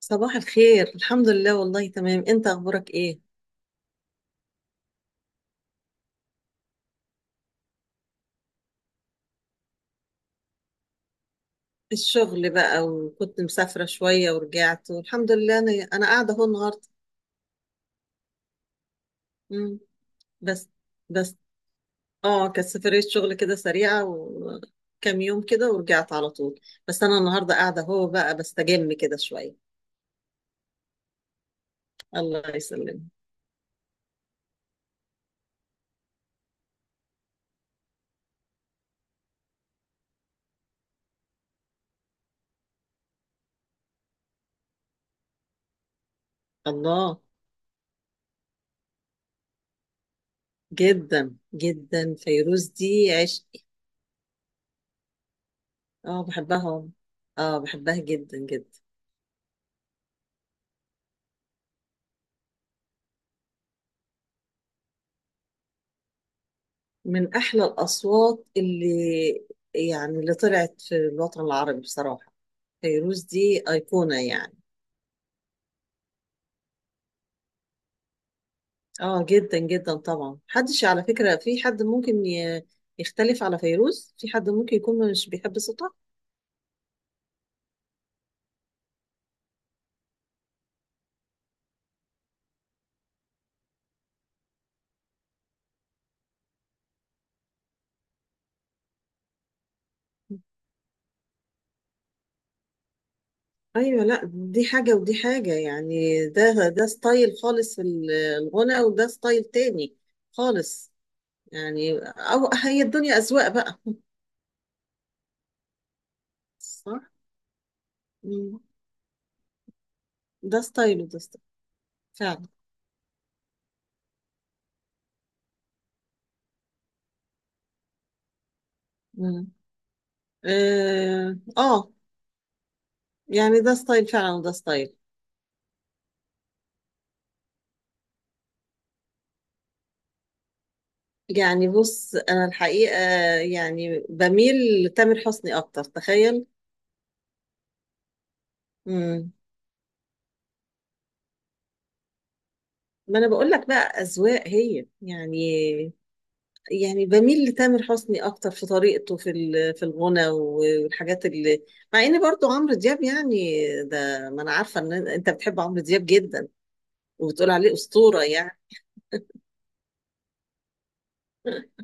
صباح الخير، الحمد لله، والله تمام. انت اخبارك ايه؟ الشغل بقى، وكنت مسافرة شوية ورجعت، والحمد لله. انا قاعدة اهو النهاردة. مم. بس. بس. اه، كانت سفرية شغل كده سريعة، وكام يوم كده ورجعت على طول. بس انا النهاردة قاعدة اهو بقى، بستجم كده شوية. الله يسلمك. الله، جدا جدا فيروز دي عشق. اه، بحبها. اه، بحبها جدا جدا. من أحلى الأصوات اللي يعني طلعت في الوطن العربي بصراحة. فيروز دي أيقونة يعني. آه، جدا جدا طبعا. محدش على فكرة في حد ممكن يختلف على فيروز، في حد ممكن يكون مش بيحب صوتها. أيوة، لا، دي حاجة ودي حاجة. يعني ده ستايل خالص في الغنى، وده ستايل تاني خالص. يعني أو هي الدنيا أذواق بقى. صح. مم. ده ستايل وده ستايل فعلا. مم. اه، يعني ده ستايل فعلا، وده ستايل. يعني بص، انا الحقيقة يعني بميل لتامر حسني اكتر، تخيل. امم. ما انا بقول لك بقى، اذواق هي يعني. يعني بميل لتامر حسني اكتر في طريقته في في الغنى والحاجات اللي، مع ان برضو عمرو دياب يعني، ده ما انا عارفة ان انت بتحب عمرو دياب جدا وبتقول عليه أسطورة يعني.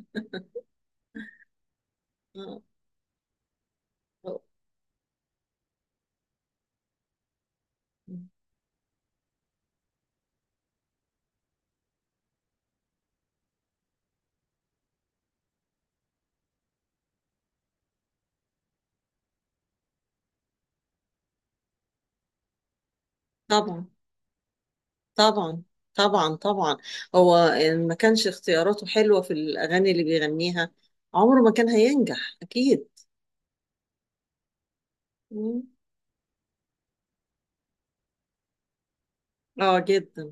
آه، آه، طبعا طبعا طبعا طبعا. هو إن ما كانش اختياراته حلوة في الأغاني اللي بيغنيها، عمره ما كان هينجح أكيد. مم. اه، جدا.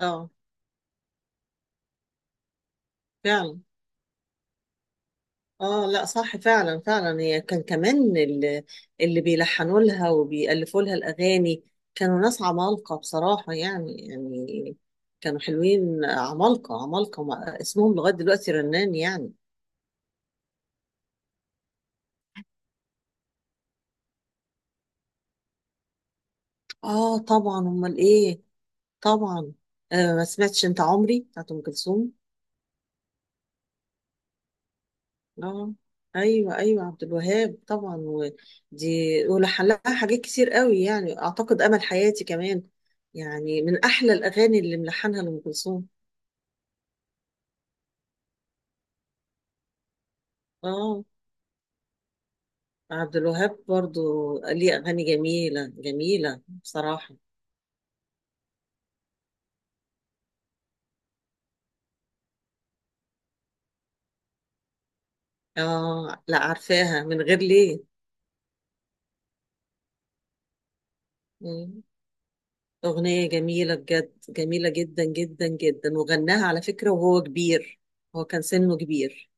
اه، فعلا. اه لا، صح، فعلا فعلا. هي كان كمان اللي بيلحنوا لها وبيألفوا لها الأغاني كانوا ناس عمالقة بصراحة، يعني كانوا حلوين، عمالقة عمالقة، اسمهم لغاية دلوقتي رنان يعني. اه طبعا، أمال إيه. طبعا. آه، ما سمعتش أنت عمري بتاعت أم كلثوم؟ اه، ايوه ايوه، عبد الوهاب طبعا، ودي ولحلها حاجات كتير قوي يعني. اعتقد امل حياتي كمان يعني من احلى الاغاني اللي ملحنها لام كلثوم. اه، عبد الوهاب برضو ليه اغاني جميله جميله بصراحه. اه لا، عارفاها، من غير ليه. مم. اغنيه جميله بجد، جميله جدا جدا جدا. وغناها على فكره وهو كبير، هو كان سنه كبير.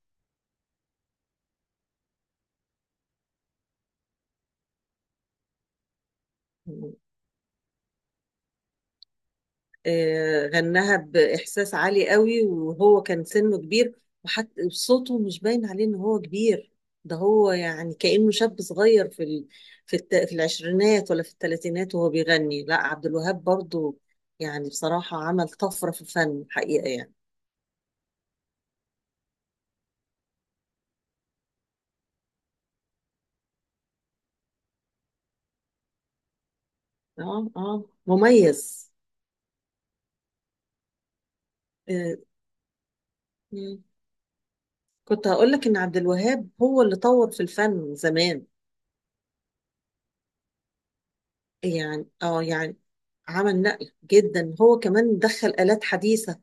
غناها بإحساس عالي قوي وهو كان سنه كبير، وحتى صوته مش باين عليه إن هو كبير. ده هو يعني كأنه شاب صغير في العشرينات ولا في الثلاثينات وهو بيغني. لا، عبد الوهاب برضو، يعني بصراحة عمل طفرة في الفن حقيقة يعني. اه اه، مميز. آه. مم. كنت هقول لك إن عبد الوهاب هو اللي طور في الفن زمان. يعني عمل نقل جدا. هو كمان دخل آلات حديثة،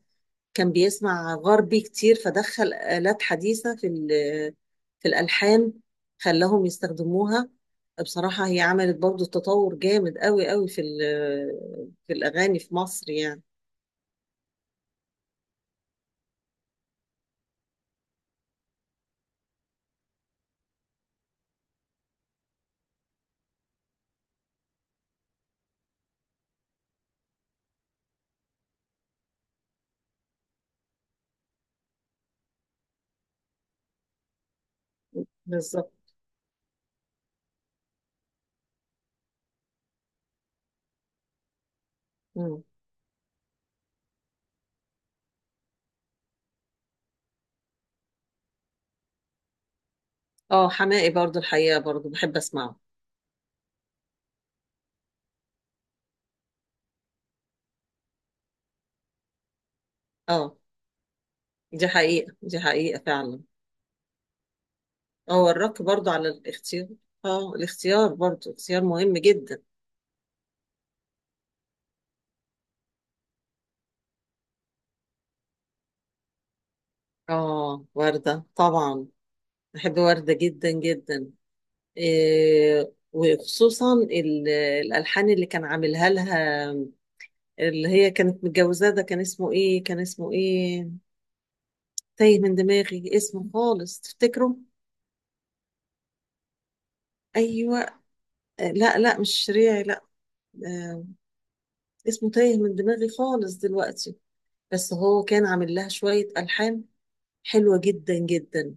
كان بيسمع غربي كتير، فدخل آلات حديثة في في الألحان، خلاهم يستخدموها. بصراحة هي عملت برضو تطور جامد قوي قوي في في الأغاني في مصر يعني. بالظبط. مم. اه، حماقي برضو الحقيقة برضو بحب أسمعه. اه، دي حقيقة دي حقيقة فعلا. هو الرك برضو على الاختيار. اه، الاختيار برضو اختيار مهم جدا. اه، وردة طبعا. بحب وردة جدا جدا. وخصوصا الألحان اللي كان عاملها لها، اللي هي كانت متجوزاه. ده كان اسمه ايه، كان اسمه ايه؟ تايه من دماغي اسمه خالص. تفتكره؟ ايوه. لا لا، مش شريعي، لا. آه، اسمه تايه من دماغي خالص دلوقتي. بس هو كان عامل لها شوية ألحان حلوة جدا جدا.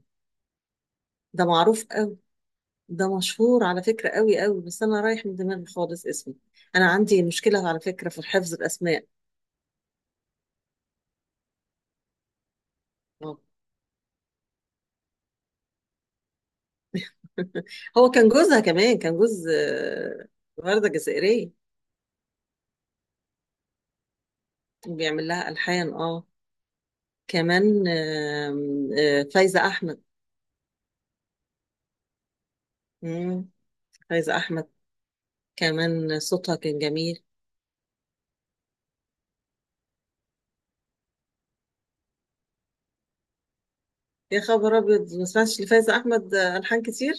ده معروف قوي، ده مشهور على فكرة قوي قوي. بس أنا رايح من دماغي خالص اسمه. أنا عندي مشكلة على فكرة في حفظ الأسماء. آه. هو كان جوزها كمان، كان جوز وردة جزائرية. وبيعمل لها ألحان، اه. كمان آم، آه، فايزة أحمد. مم، فايزة أحمد. كمان صوتها كان جميل. يا خبر أبيض، ما سمعتش لفايزة أحمد ألحان كتير.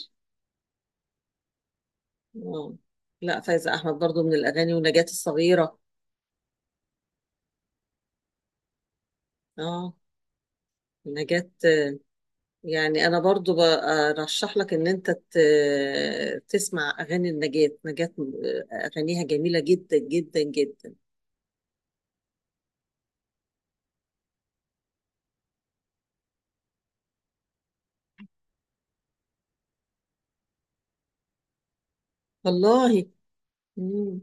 اه لا، فايزة أحمد برضو من الأغاني، ونجاة الصغيرة. اه. نجاة، يعني أنا برضو برشح لك إن أنت تسمع أغاني النجاة. نجاة، أغانيها جميلة جدا جدا جدا. والله. مم.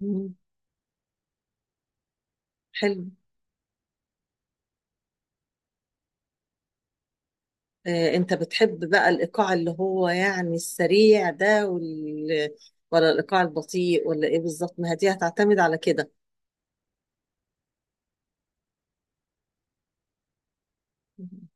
مم. حلو. انت بتحب بقى الايقاع اللي هو يعني السريع ده ولا الايقاع البطيء؟ ولا ايه بالظبط، ما هي دي هتعتمد على كده. مم.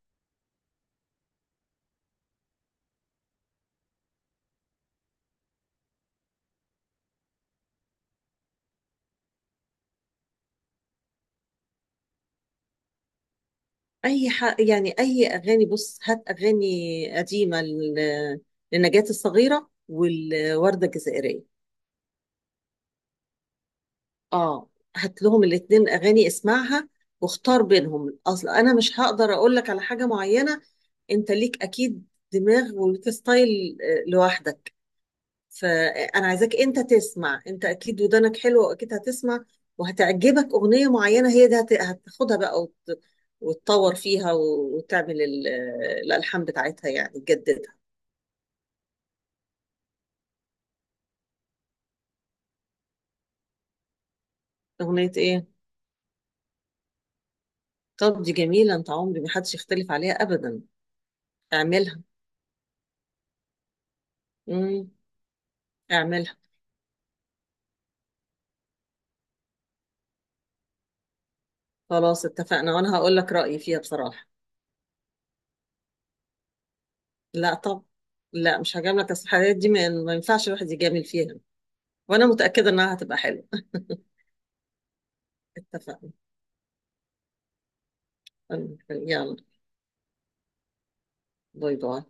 يعني اي اغاني؟ بص، هات اغاني قديمه لنجاة الصغيره والورده الجزائريه. اه، هات لهم الاتنين اغاني، اسمعها واختار بينهم. اصل انا مش هقدر اقول لك على حاجه معينه. انت ليك اكيد دماغ وليك ستايل لوحدك. فانا عايزاك انت تسمع، انت اكيد ودانك حلوه واكيد هتسمع وهتعجبك اغنيه معينه، هي دي هتاخدها بقى وتطور فيها وتعمل الالحان بتاعتها، يعني تجددها. اغنيه ايه؟ طب دي جميله، انت عمري، ما حدش يختلف عليها ابدا. اعملها. امم. اعملها. خلاص، اتفقنا، وانا هقول لك رأيي فيها بصراحة. لا طب، لا مش هجاملك، اصل الحاجات دي ما ينفعش الواحد يجامل فيها. وانا متأكدة انها هتبقى حلوة. اتفقنا. يلا باي باي.